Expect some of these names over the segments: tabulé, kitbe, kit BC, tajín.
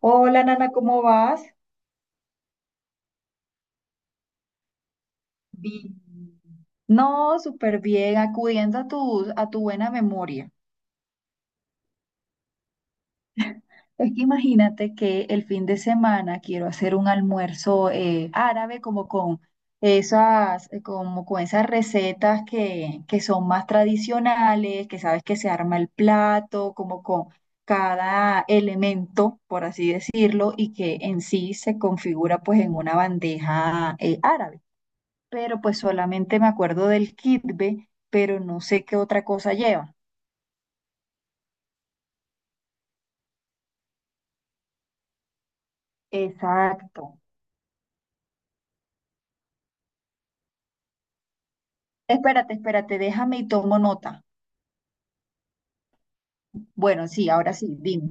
Hola, Nana, ¿cómo vas? Bien. No, súper bien, acudiendo a tu buena memoria. Es que imagínate que el fin de semana quiero hacer un almuerzo árabe como con esas recetas que son más tradicionales, que sabes que se arma el plato, como con cada elemento, por así decirlo, y que en sí se configura pues en una bandeja árabe. Pero pues solamente me acuerdo del kitbe, pero no sé qué otra cosa lleva. Exacto. Espérate, espérate, déjame y tomo nota. Bueno, sí, ahora sí, dime.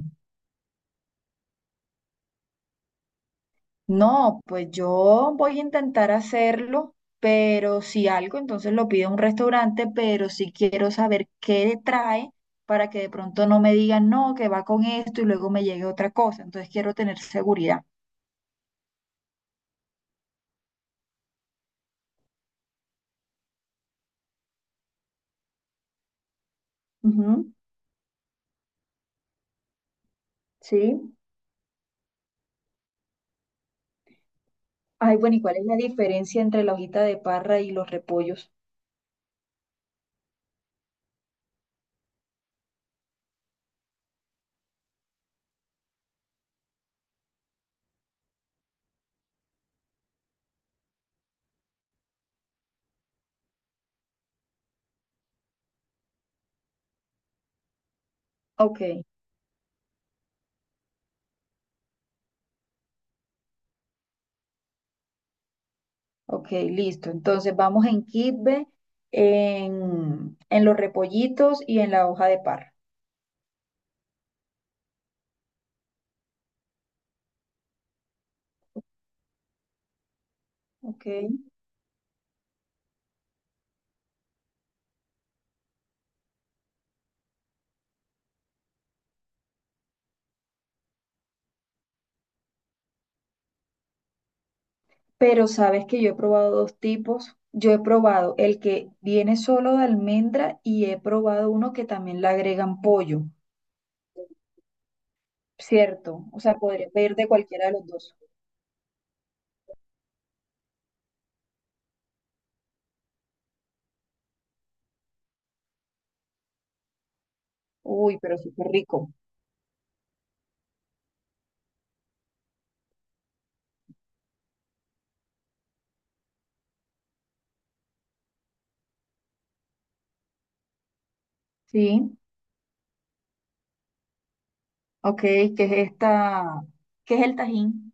No, pues yo voy a intentar hacerlo, pero si algo, entonces lo pido a un restaurante, pero sí quiero saber qué le trae para que de pronto no me digan, no, que va con esto y luego me llegue otra cosa. Entonces quiero tener seguridad. Ujú. Sí. Ay, bueno, ¿y cuál es la diferencia entre la hojita de parra y los repollos? Ok, ok, listo. Entonces vamos en Kitbe, en los repollitos y en la hoja de parra. Ok. Pero sabes que yo he probado dos tipos. Yo he probado el que viene solo de almendra y he probado uno que también le agregan pollo, ¿cierto? O sea, podría pedir de cualquiera de los dos. Uy, pero súper rico. Sí. Ok, ¿qué es esta? ¿Qué es el tajín?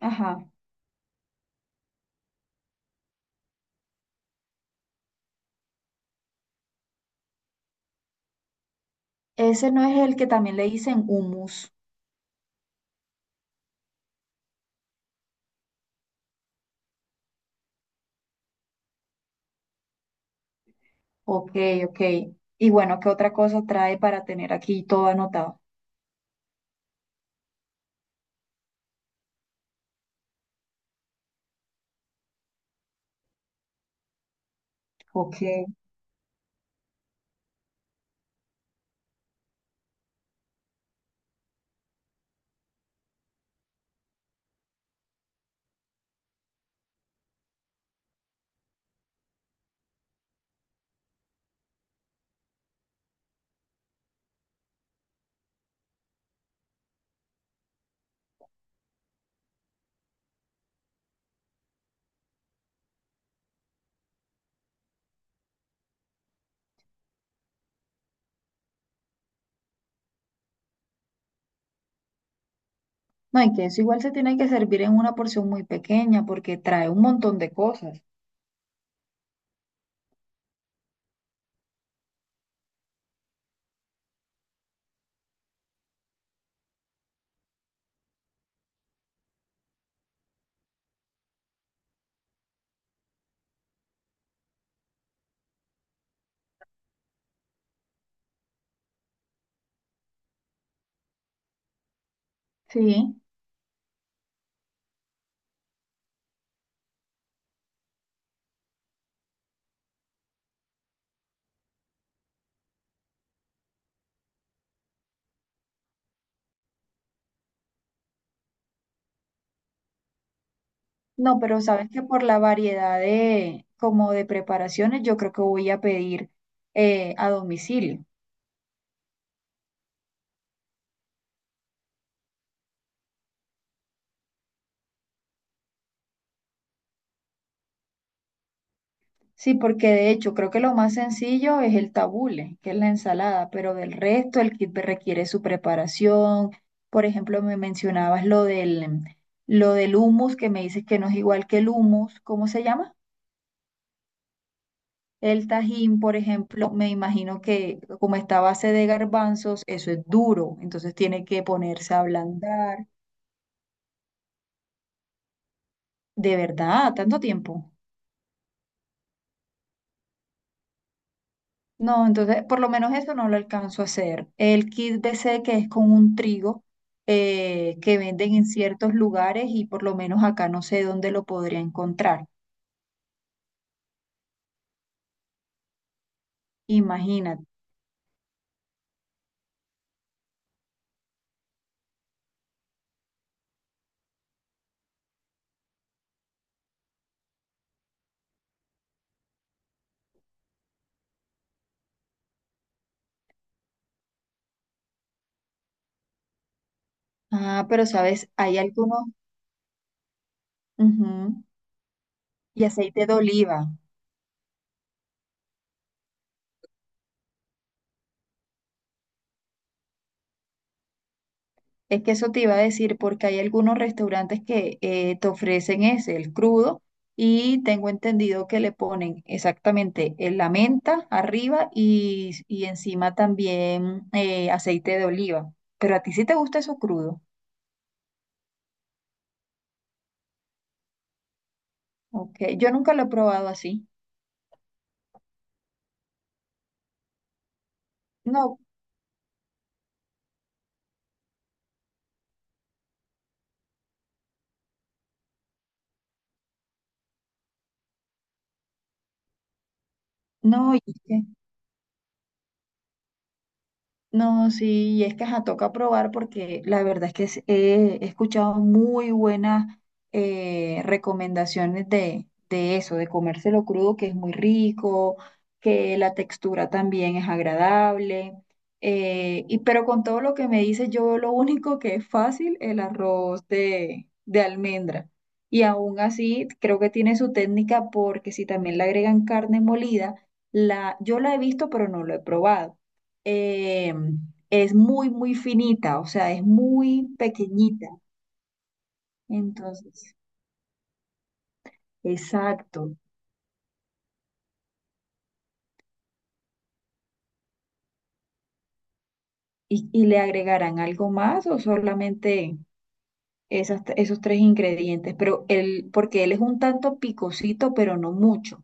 Ajá. Ese no es el que también le dicen hummus. Ok, ok. Y bueno, ¿qué otra cosa trae para tener aquí todo anotado? Ok. No, y que eso igual se tiene que servir en una porción muy pequeña porque trae un montón de cosas. Sí. No, pero sabes que por la variedad de, como de preparaciones, yo creo que voy a pedir a domicilio. Sí, porque de hecho creo que lo más sencillo es el tabule, que es la ensalada, pero del resto el kit requiere su preparación. Por ejemplo, me mencionabas lo del hummus, que me dices que no es igual que el hummus. ¿Cómo se llama? El tajín, por ejemplo, me imagino que como está a base de garbanzos, eso es duro, entonces tiene que ponerse a ablandar. ¿De verdad? ¿Tanto tiempo? No, entonces por lo menos eso no lo alcanzo a hacer. El kit BC que es con un trigo que venden en ciertos lugares y por lo menos acá no sé dónde lo podría encontrar. Imagínate. Ah, pero sabes, hay algunos. Ujú. Y aceite de oliva. Es que eso te iba a decir, porque hay algunos restaurantes que te ofrecen ese, el crudo, y tengo entendido que le ponen exactamente la menta arriba y encima también aceite de oliva. Pero a ti sí te gusta eso crudo, ¿ok? Yo nunca lo he probado así. No, no, oye. No, sí, y es que ajá, toca probar porque la verdad es que he escuchado muy buenas recomendaciones de eso, de comérselo crudo, que es muy rico, que la textura también es agradable. Y pero con todo lo que me dices, yo lo único que es fácil, el arroz de almendra. Y aún así, creo que tiene su técnica porque si también le agregan carne molida, yo la he visto, pero no lo he probado eh, es muy, muy finita, o sea, es muy pequeñita. Entonces, exacto. ¿Y le agregarán algo más o solamente esos tres ingredientes? Pero él, porque él es un tanto picosito, pero no mucho.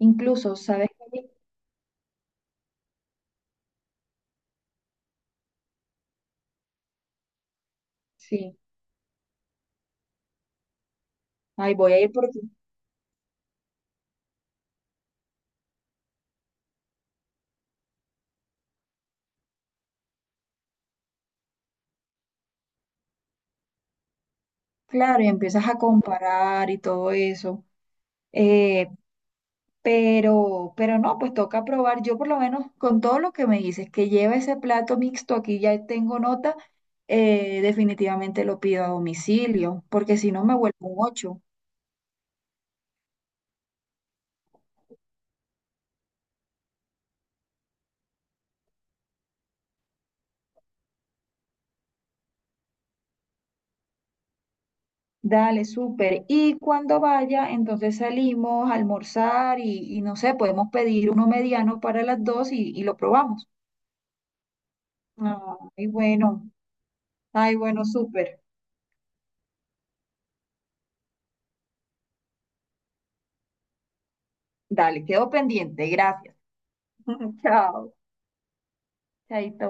Incluso, ¿sabes qué? Sí, ahí voy a ir porque, claro, y empiezas a comparar y todo eso. Eh, pero no, pues toca probar. Yo por lo menos con todo lo que me dices, que lleva ese plato mixto, aquí ya tengo nota, definitivamente lo pido a domicilio, porque si no me vuelvo un ocho. Dale, súper. Y cuando vaya, entonces salimos a almorzar y no sé, podemos pedir uno mediano para las dos y lo probamos. Ay, bueno, ay, bueno, súper. Dale, quedo pendiente. Gracias. Chao. Chaito.